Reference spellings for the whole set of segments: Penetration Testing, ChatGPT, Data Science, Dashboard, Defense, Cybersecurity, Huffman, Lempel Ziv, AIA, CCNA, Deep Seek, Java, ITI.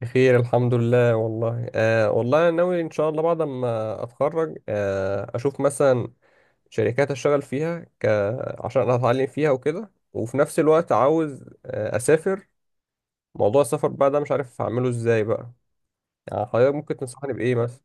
بخير الحمد لله والله. والله أنا ناوي ان شاء الله بعد ما اتخرج اشوف مثلا شركات اشتغل فيها عشان أنا اتعلم فيها وكده، وفي نفس الوقت عاوز اسافر. موضوع السفر بقى ده مش عارف اعمله ازاي بقى. يعني حضرتك ممكن تنصحني بايه مثلا؟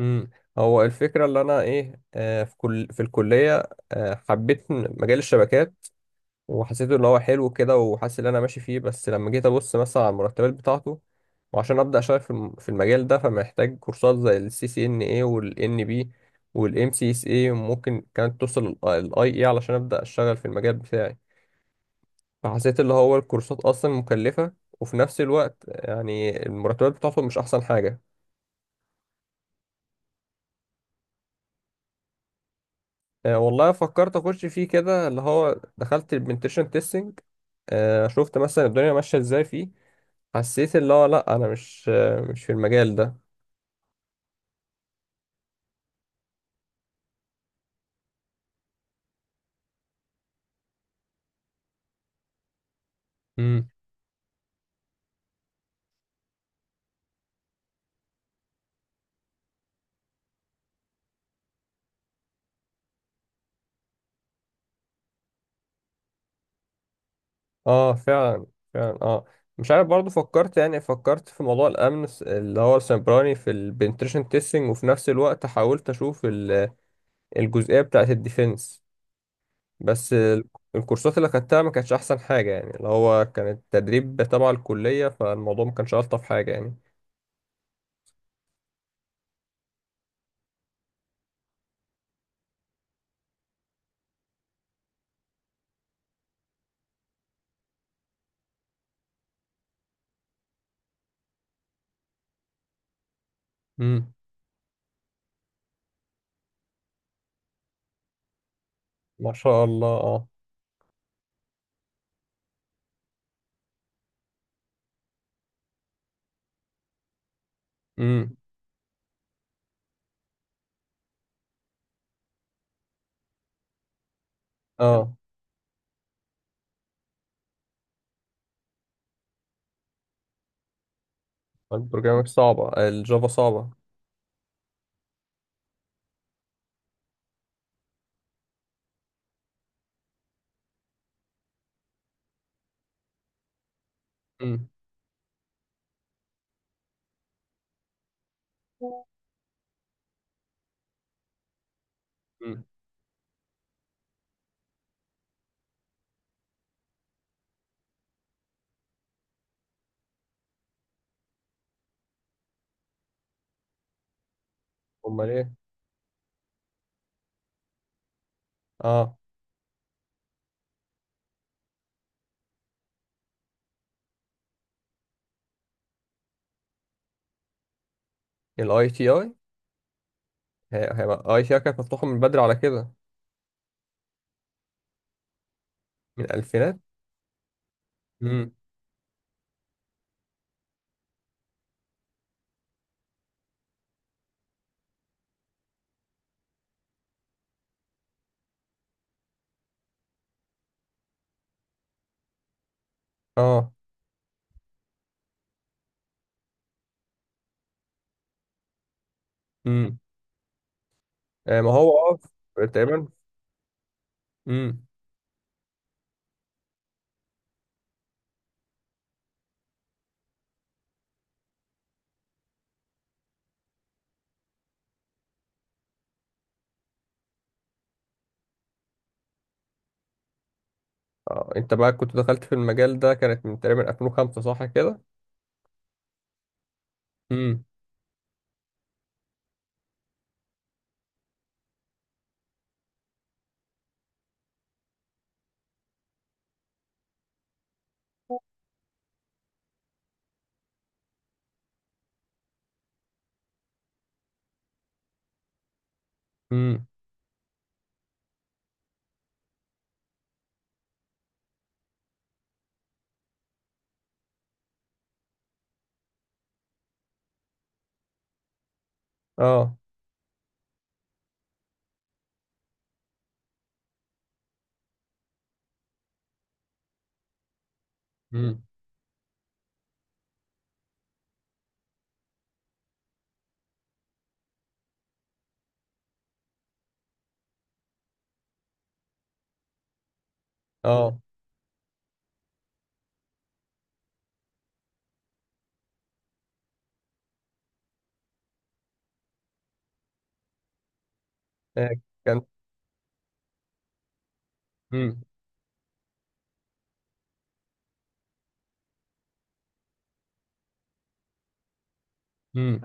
امم هو الفكرة اللي انا ايه آه في الكلية حبيت مجال الشبكات. وحسيته اللي هو حلو كده، وحاسس ان انا ماشي فيه. بس لما جيت ابص مثلا على المرتبات بتاعته، وعشان ابدا اشتغل في المجال ده، فمحتاج كورسات زي السي سي ان اي والان بي والام سي اس اي، وممكن كانت توصل الاي اي علشان ابدا اشتغل في المجال بتاعي. فحسيت اللي هو الكورسات اصلا مكلفه، وفي نفس الوقت يعني المرتبات بتاعته مش احسن حاجه. والله فكرت اخش فيه كده اللي هو دخلت البنتشن تيستنج. شفت مثلا الدنيا ماشيه ازاي فيه، حسيت اللي هو لا، انا مش في المجال ده. امم اه، فعلا فعلا، اه. مش عارف برضو فكرت في موضوع الامن اللي هو السيبراني في البنتريشن تيستنج. وفي نفس الوقت حاولت اشوف الجزئيه بتاعه الديفense. بس الكورسات اللي خدتها ما كانتش احسن حاجه، يعني اللي هو كانت تدريب تبع الكليه. فالموضوع ما كانش الطف حاجه يعني. امم. ما شاء الله، اه. امم، اه. البروجرامينج صعبه، الجافا صعبه. امم، امم. امال ايه؟ اه. الاي تي اي، هيبقى اي تي اي كانت مفتوحه من بدري على كده؟ من الالفينات. امم، اه، امم. آه. ما هو تقريبا. امم. آه. انت بقى كنت دخلت في المجال ده كانت من تقريبا 2005، صح كده؟ امم، امم، اه، امم، اه. آه، كان. امم، امم.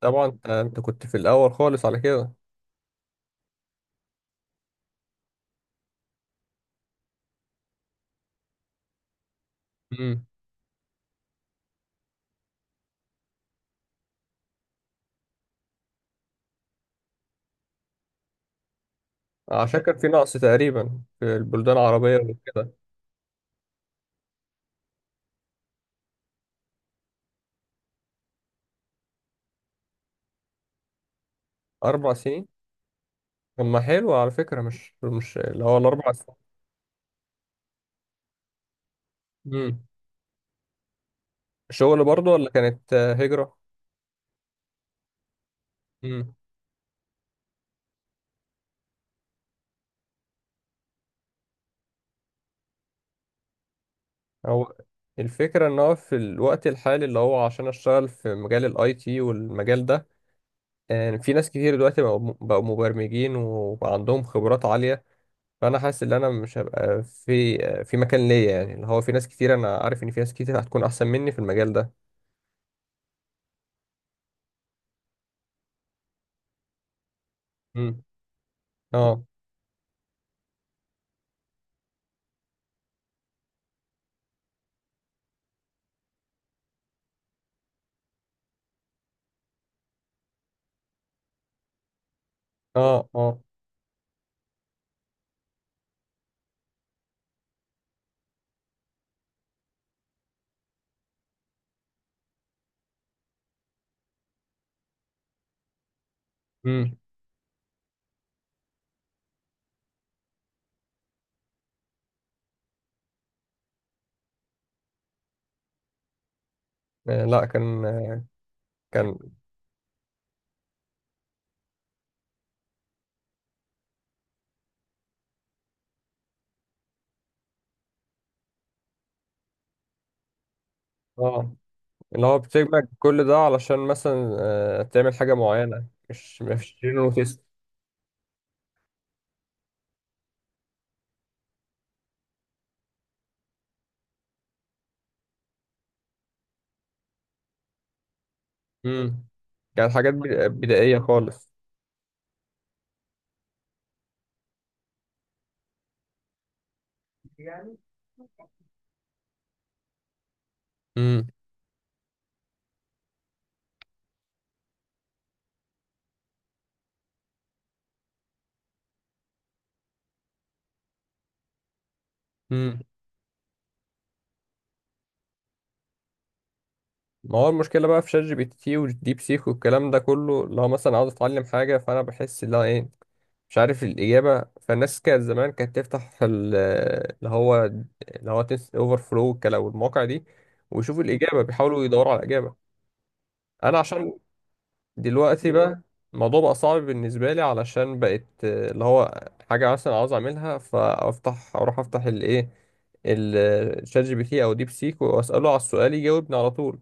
طبعا انت كنت في الاول خالص على كده. امم. عشان كان في نقص تقريبا في البلدان العربيه وكده. اربع سنين. طب ما حلو، على فكره. مش اللي هو الاربع سنين، شغل برضه ولا كانت هجرة؟ امم هو الفكرة ان هو في الوقت الحالي، اللي هو عشان اشتغل في مجال الاي تي والمجال ده، يعني في ناس كتير دلوقتي بقوا مبرمجين وبقى عندهم خبرات عالية. فانا حاسس ان انا مش هبقى في في مكان ليا، يعني اللي هو في ناس كتير. انا عارف ان في ناس كتير هتكون احسن مني في المجال ده. امم، اه، اه، اه، امم. آه، لا. كان اه. اللي هو بتجمع كل ده علشان مثلا تعمل حاجة معينة مش مفيش. امم كانت حاجات بدائية خالص. امم، امم. ما هو المشكلة بقى في شات جي بي تي والديب سيك والكلام ده كله، لو مثلا عاوز اتعلم حاجة، فانا بحس ان انا مش عارف الإجابة. فالناس كانت زمان كانت تفتح اللي هو تنس اوفر فلو والكلام والمواقع دي، ويشوفوا الإجابة، بيحاولوا يدوروا على الإجابة. انا عشان دلوقتي بقى الموضوع بقى صعب بالنسبة لي، علشان بقت اللي هو حاجة مثلا عاوز أعملها، فأفتح أروح أفتح الشات جي بي تي أو ديب سيك، وأسأله على السؤال يجاوبني على طول.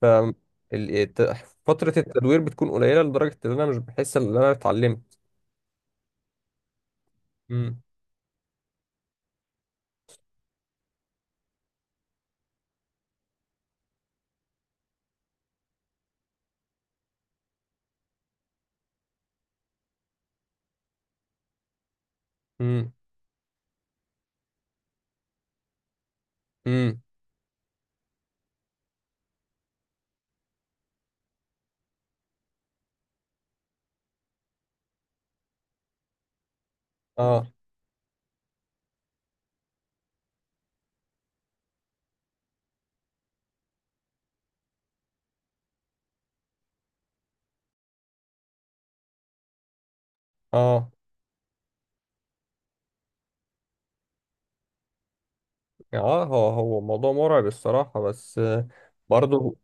ف ال- الت- فترة التدوير بتكون قليلة لدرجة إن أنا مش بحس إن أنا اتعلمت. امم، امم، امم، اه، اه. يعني اه، هو موضوع مرعب الصراحة، بس برضه.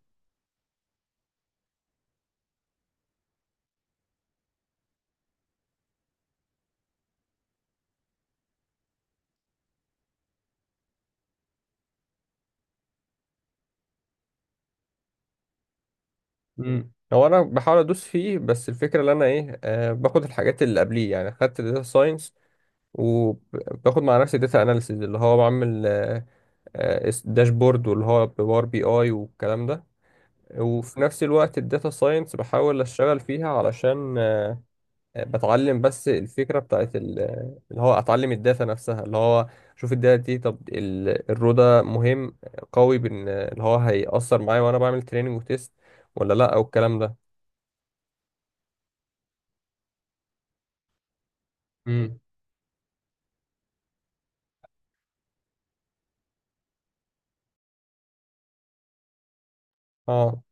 هو انا بحاول ادوس فيه، بس الفكره اللي انا ايه آه باخد الحاجات اللي قبليه. يعني خدت داتا ساينس، وباخد مع نفسي داتا اناليسيز اللي هو بعمل داشبورد واللي هو بباور بي اي والكلام ده. وفي نفس الوقت الداتا ساينس بحاول اشتغل فيها علشان بتعلم. بس الفكره بتاعت اللي هو اتعلم الداتا نفسها، اللي هو شوف الداتا دي. طب الرو ده مهم قوي، بان اللي هو هيأثر معايا وانا بعمل تريننج وتيست ولا لا او الكلام ده. امم، اه،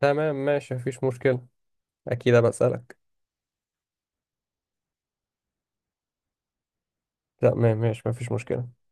تمام ماشي مفيش مشكلة. أكيد أبقى أسألك. تمام ماشي مفيش مشكلة.